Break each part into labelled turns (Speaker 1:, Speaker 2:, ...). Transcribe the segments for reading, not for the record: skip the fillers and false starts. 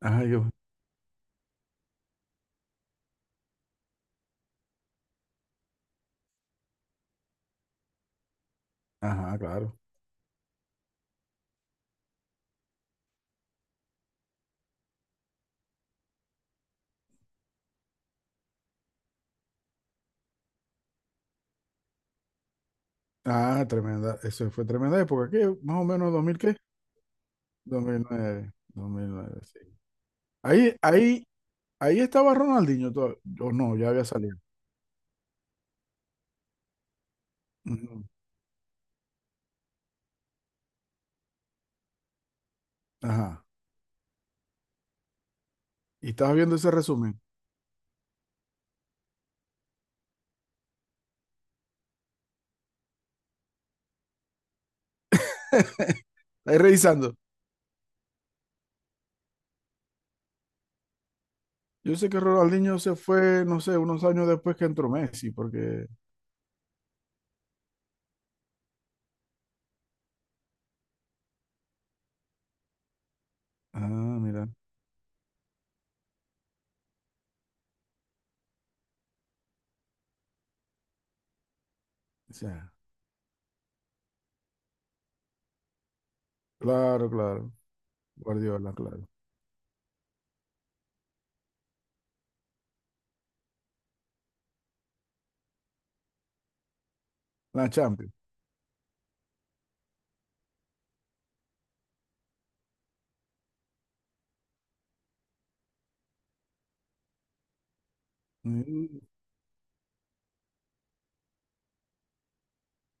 Speaker 1: Ajá, yo. Ajá, claro. Ah, tremenda. Eso fue tremenda época. ¿Qué? Más o menos dos mil, ¿qué? Dos mil nueve, dos mil nueve, sí. Ahí, ahí, ahí estaba Ronaldinho todavía. O no, ya había salido. Ujú. Ajá. Y estabas viendo ese resumen. Ahí revisando. Yo sé que Ronaldinho se fue, no sé, unos años después que entró Messi, porque. Ah, mira. O sea, claro, claro. Guardiola, claro. La Champions. Mm,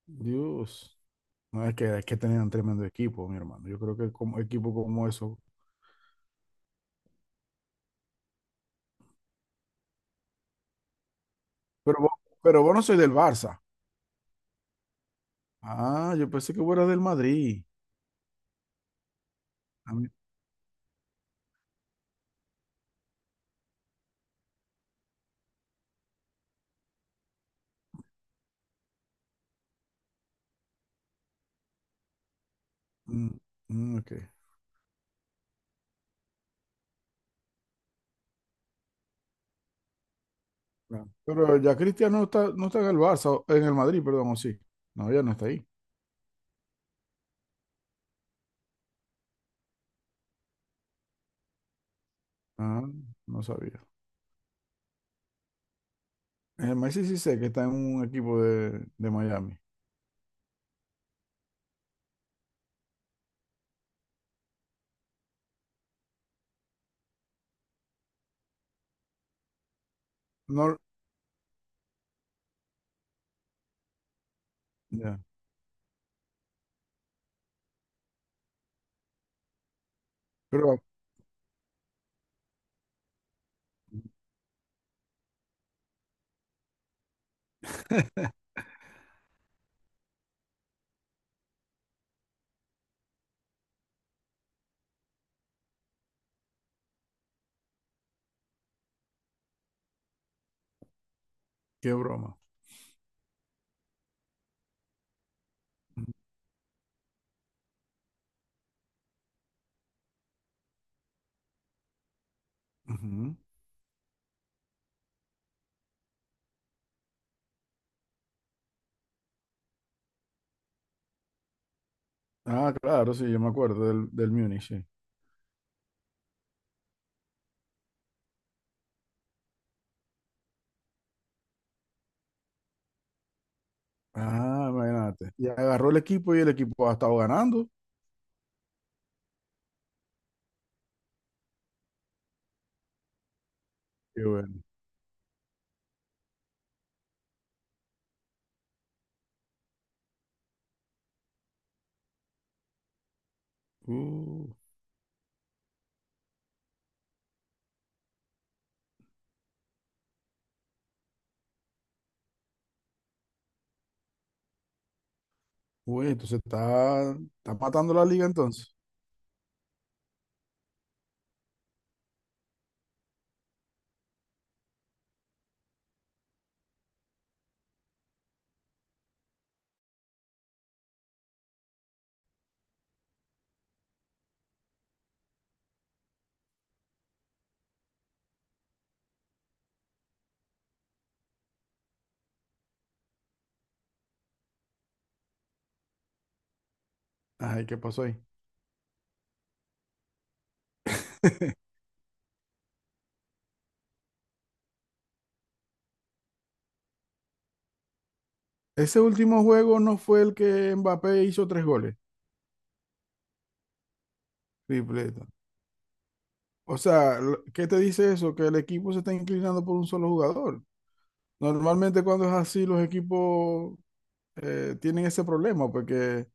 Speaker 1: Dios. No, es que tenían un tremendo equipo, mi hermano. Yo creo que como equipo como eso. Pero vos, pero vos no sois del Barça. Ah, yo pensé que vos eras del Madrid. A mí- mm, mm, ok, claro. Pero ya Cristiano no está en el Barça, en el Madrid, perdón, o sí. No, ya no está ahí. Ah, no sabía. El Messi sí sé que está en un equipo de Miami. No, ya. Pero, qué broma. Ujú. Ah, claro, sí, yo me acuerdo del Múnich, sí. Ah, imagínate. Y agarró el equipo y el equipo ha estado ganando. Qué bueno. Uh, uy, entonces está matando la liga entonces. Ay, ¿qué pasó ahí? Ese último juego no fue el que Mbappé hizo tres goles, tripleta. O sea, ¿qué te dice eso? Que el equipo se está inclinando por un solo jugador. Normalmente cuando es así, los equipos tienen ese problema, porque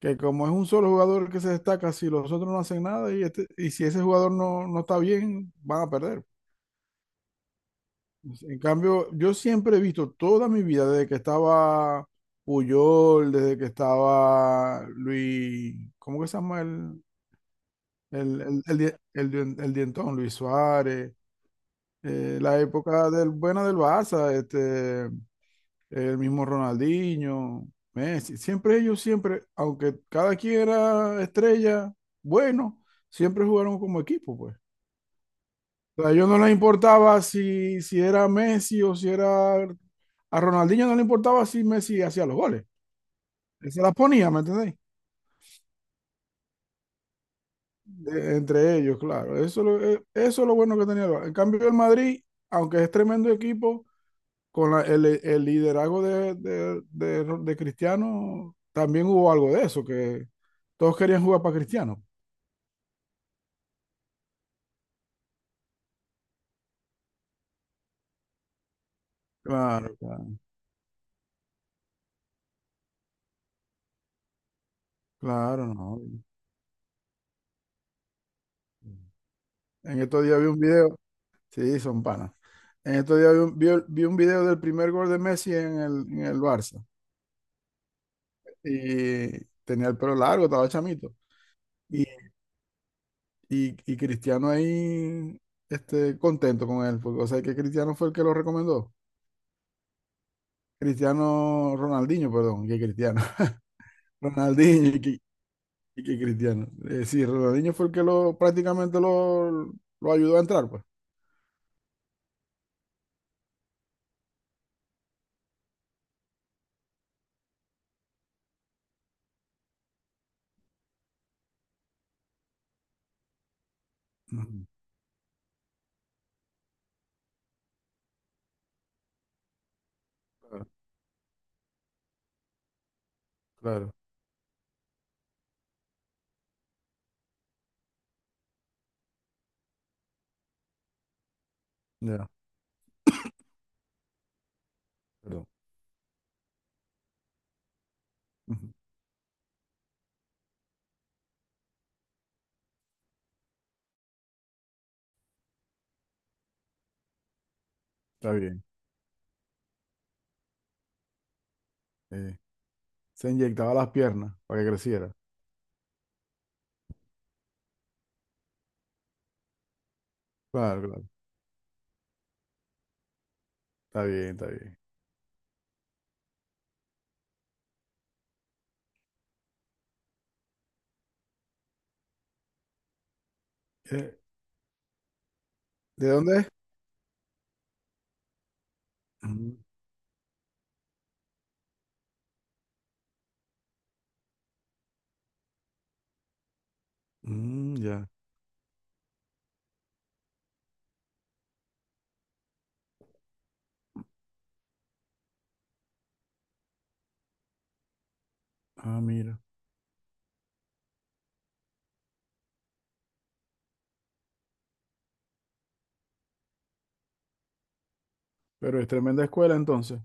Speaker 1: que como es un solo jugador que se destaca, si los otros no hacen nada y, y si ese jugador no está bien, van a perder. En cambio, yo siempre he visto toda mi vida, desde que estaba Puyol, desde que estaba Luis, ¿cómo que se llama el dientón? Luis Suárez, la época del buena del Barça, el mismo Ronaldinho, Messi, siempre ellos, siempre, aunque cada quien era estrella, bueno, siempre jugaron como equipo, pues. O sea, a ellos no les importaba si era Messi o si era. A Ronaldinho no le importaba si Messi hacía los goles. Él se las ponía, ¿me entendéis? Entre ellos, claro. Eso es lo bueno que tenía el Barça. En cambio, el Madrid, aunque es tremendo equipo, con el liderazgo de Cristiano, también hubo algo de eso, que todos querían jugar para Cristiano. Claro, claro, claro, no. En estos días vi un video. Sí, son panas. En estos días vi un video del primer gol de Messi en el Barça. Y tenía el pelo largo, estaba chamito. Y, y Cristiano ahí, contento con él. Porque, o sea, que Cristiano fue el que lo recomendó. Cristiano, Ronaldinho, perdón, que Cristiano. Ronaldinho y que Cristiano. Sí, Ronaldinho fue el que lo prácticamente lo ayudó a entrar, pues. Ujú. Claro, claro, ya, perdón. Ujú. Está bien. eh, se inyectaba las piernas para que creciera. Claro, claro. Está bien, está bien. Eh, ¿De dónde es? Mm, mm, ya. Ah, mira. Pero es tremenda escuela entonces.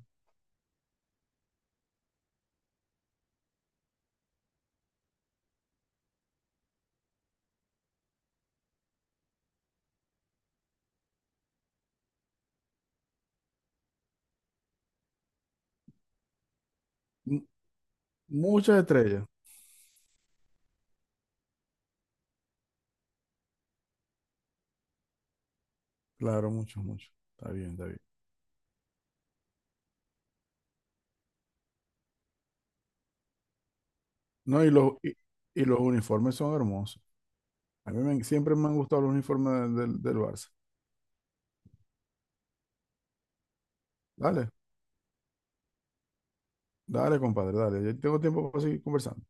Speaker 1: M- muchas estrellas. Claro, muchos, muchos. Está bien, está bien. No, y los uniformes son hermosos. Siempre me han gustado los uniformes del Barça. Dale, dale, compadre, dale. Ya tengo tiempo para seguir conversando.